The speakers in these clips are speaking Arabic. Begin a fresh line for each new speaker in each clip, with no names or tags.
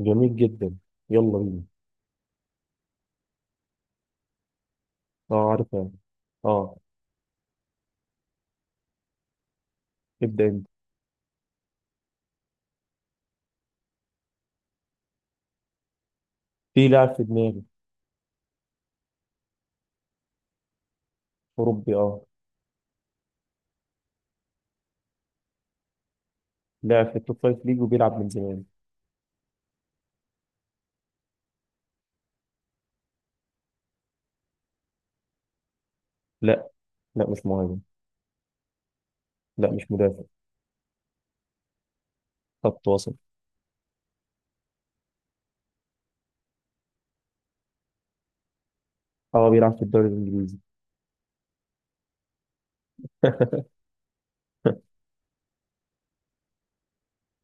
جميل جدا. يلا بينا. اه، عارفها. اه. ابدأ انت. في لاعب في دماغي. أوروبي اه. لاعب في التوب فايف ليج وبيلعب من زمان. لا، مش مهاجم. لا مش مدافع. خط وسط. اه بيلعب في الدوري الإنجليزي.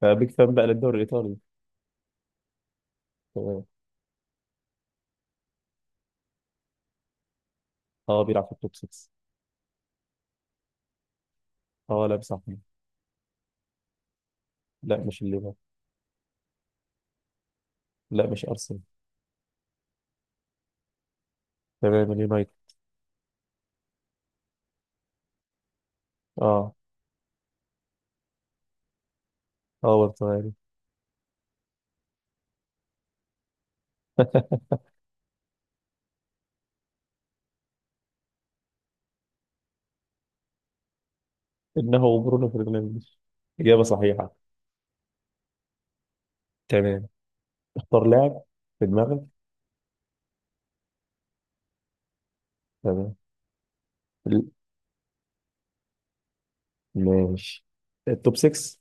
آه، بيج فان بقى للدوري الإيطالي. تمام. اه بيلعب في التوب 6. اه لا مش أحمد. لا مش الليفر. لا مش أرسنال. تمام اليونايتد. اه. اه والتمام. إنه برونو فرنانديز. إجابة صحيحة. تمام. اختار لاعب في دماغك. تمام ماشي. التوب 6.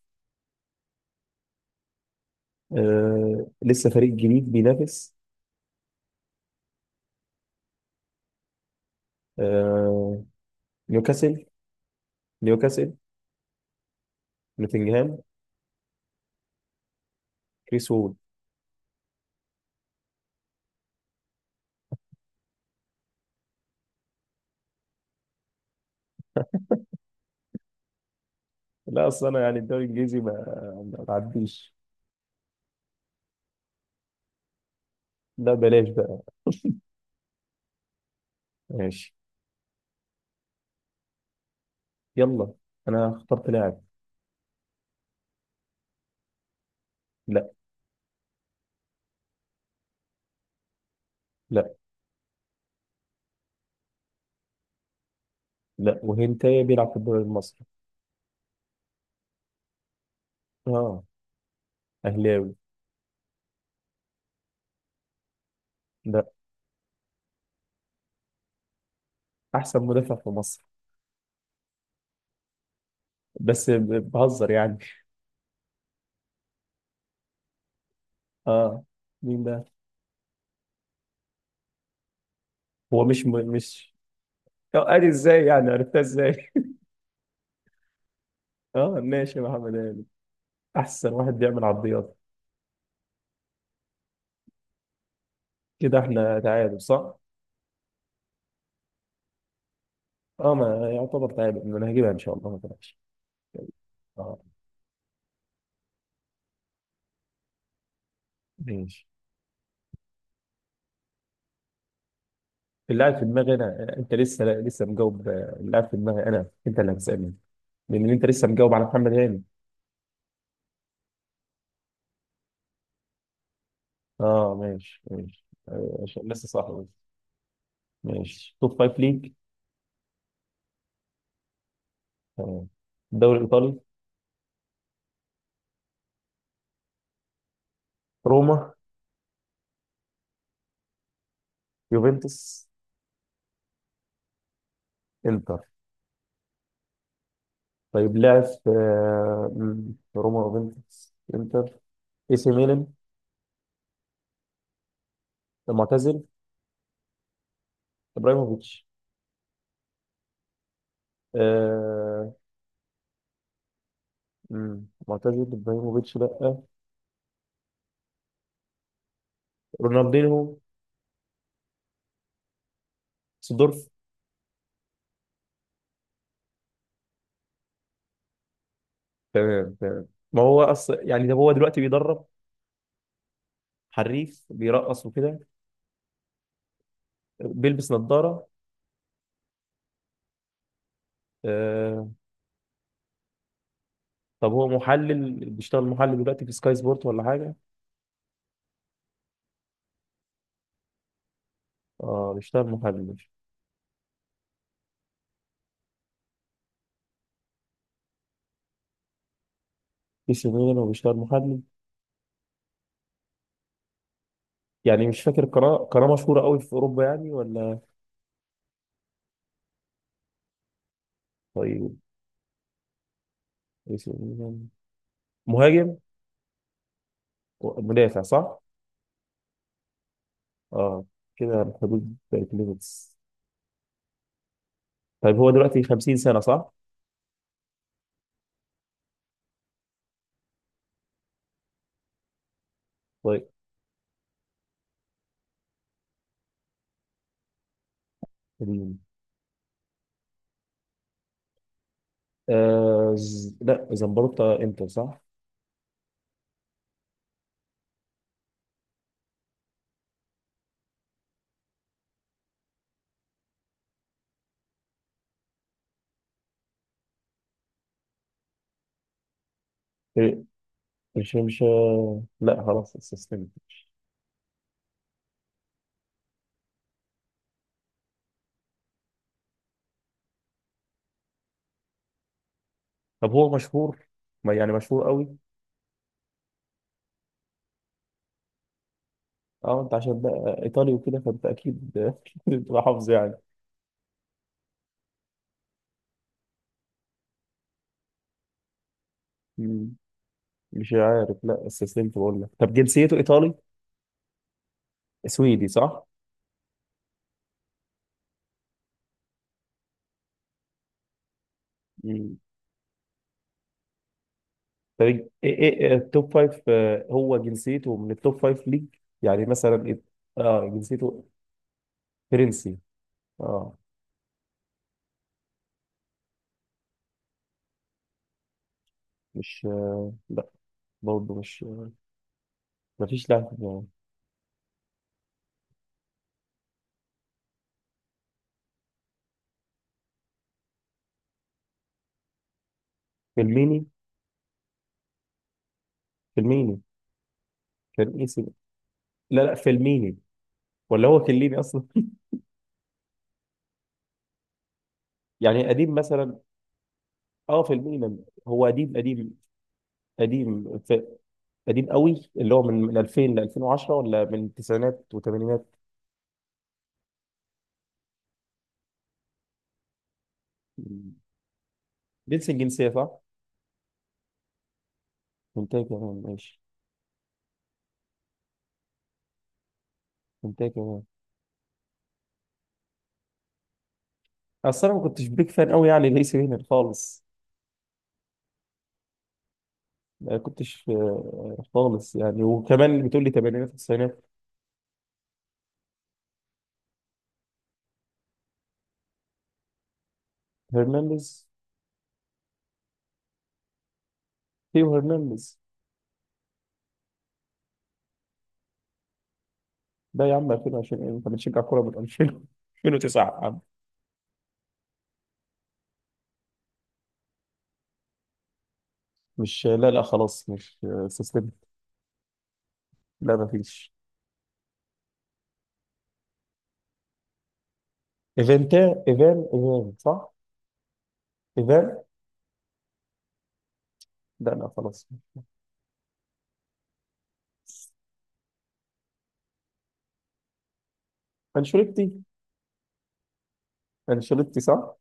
آه لسه فريق جديد بينافس. آه. نيوكاسل. نيوكاسل. نوتنجهام. كريس وود. لا اصل انا يعني الدوري الانجليزي ما ما بعديش. لا بلاش بقى. ماشي. يلا. انا اخترت لاعب. لا. لا. لا وهنتايا بيلعب في الدوري المصري. اه. اهلاوي. لا. احسن مدافع في مصر. بس بهزر يعني. اه. مين ده؟ هو مش، ادي ازاي يعني؟ عرفتها ازاي؟ اه ماشي يا محمد هاني. احسن واحد بيعمل عرضيات. كده احنا تعادل صح؟ اه ما يعتبر تعادل، إن انا هجيبها ان شاء الله، ما تقلقش. اه ماشي. اللي قاعد في دماغي انا، انت لسه مجاوب. اللي قاعد في دماغي انا، انت اللي هتسالني، لان انت لسه مجاوب على محمد هاني. اه ماشي ماشي، عشان لسه صح بس. ماشي. توب فايف ليج. تمام. الدوري الايطالي. روما. يوفنتوس. انتر. طيب لاعب في آه، م، في روما يوفنتوس انتر. اي سي ميلان. معتزل. ابراهيموفيتش. آه... معتزل ابراهيموفيتش لا. رونالدينو. سيدورف. تمام تمام. ما هو اصلا يعني ده هو دلوقتي بيدرب. حريف بيرقص وكده. بيلبس نظارة. آه... طب هو محلل؟ بيشتغل محلل دلوقتي في سكاي سبورت ولا حاجة؟ اه بيشتغل محلل في سي ميلان وبيشتغل محلل. يعني مش فاكر قناة؟ قناة مشهورة قوي في أوروبا يعني، ولا؟ طيب. إيه سي ميلان. مهاجم. مدافع صح؟ اه. كده حدود 30. طيب هو دلوقتي 50 سنة صح؟ طيب ال- لا زمبروتا. انتر صح؟ إيه، مش لا خلاص استسلمت. طب هو مشهور؟ ما يعني مشهور قوي. اه انت عشان بقى ايطالي وكده فانت اكيد أكيد بتبقى حافظ يعني. مم. مش عارف. لا استسلمت بقول لك. طب جنسيته ايطالي؟ سويدي صح؟ مم. طب ايه ايه التوب فايف، هو جنسيته من التوب فايف ليج؟ يعني مثلا إيه؟ اه جنسيته. فرنسي. اه. مش لا. برضه مش مفيش لاعب. فيلميني. فيلميني كان اسم. لا لا فيلميني. ولا هو كليني اصلا. يعني قديم مثلا. اه فيلميني. هو قديم قديم. قديم ف- قديم قوي، اللي هو من 2000 ل 2010، ولا من التسعينات والثمانينات. جنس الجنسيه صح؟ منتهي كمان ماشي. منتهي كمان. اصل انا ما كنتش بيك فان قوي يعني، ليس هنا خالص. ما كنتش خالص يعني، وكمان بتقول لي ثمانينات وتسعينات. هرنانديز. ثيو هرنانديز. ده يا عم 2020؟ ايه، انت بتشجع كوره من 2000 2009 يا عم؟ مش لا لا خلاص مش سيستم. لا ما فيش. ايفان ايفان صح. ايفان. لا. لا خلاص. انشيلوتي. انشيلوتي صح.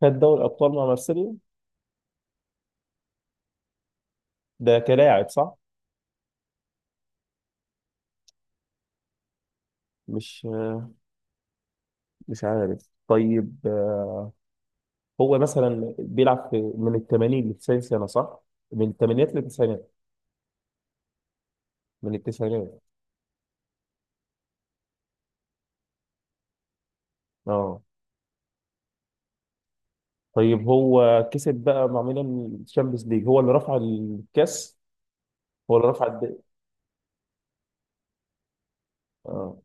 خد دوري الابطال مع مارسيليا. ده كلاعب صح. مش مش عارف. طيب هو مثلا بيلعب في من ال 80 ل 90 سنه صح، من الثمانينات للتسعينات؟ من التسعينات. اه. طيب هو كسب بقى مع ميلان الشامبيونز ليج؟ هو اللي رفع الكاس؟ هو اللي رفع الدقن؟ اه.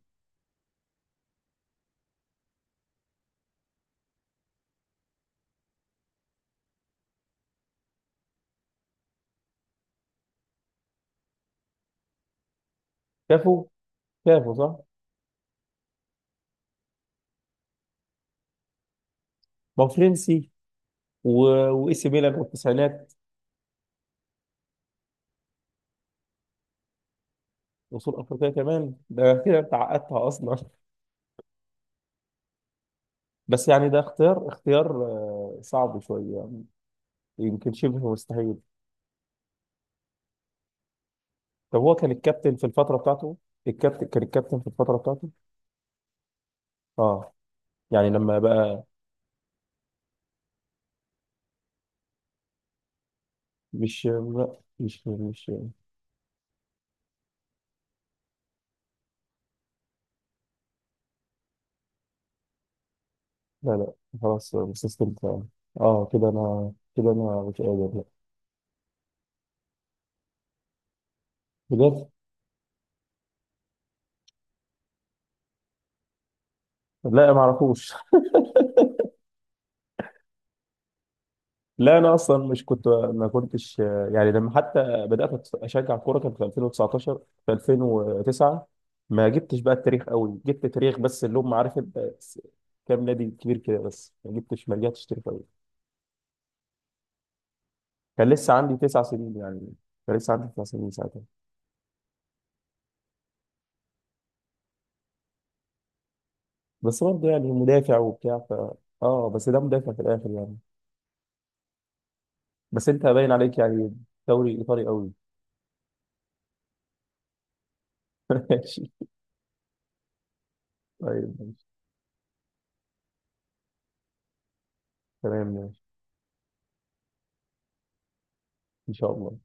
كافو. كافو صح. ما هو فرنسي و... واي سي ميلان والتسعينات. وصول افريقيا كمان ده كده انت عقدتها اصلا. بس يعني ده اختيار صعب شويه يعني، يمكن شبه مستحيل. طب هو كان الكابتن في الفتره بتاعته؟ الكابتن؟ كان الكابتن في الفتره بتاعته؟ اه، يعني لما بقى. مش لا لا خلاص مستسلمت يعني. اه كده انا مش قادر لا. بجد. لا ما اعرفوش. لا انا اصلا مش كنت ما كنتش يعني لما حتى بدات اشجع كوره كان في 2019، في 2009. ما جبتش بقى التاريخ قوي، جبت تاريخ بس اللي هم عارف انت كام نادي كبير كده، بس ما جبتش، ما رجعتش تاريخ قوي. كان لسه عندي 9 سنين يعني. كان لسه عندي تسع سنين ساعتها. بس برضه يعني مدافع وبتاع ف، اه بس ده مدافع في الاخر يعني. بس انت باين عليك يعني دوري ايطالي قوي. ماشي. طيب ماشي. تمام ماشي. ان شاء الله.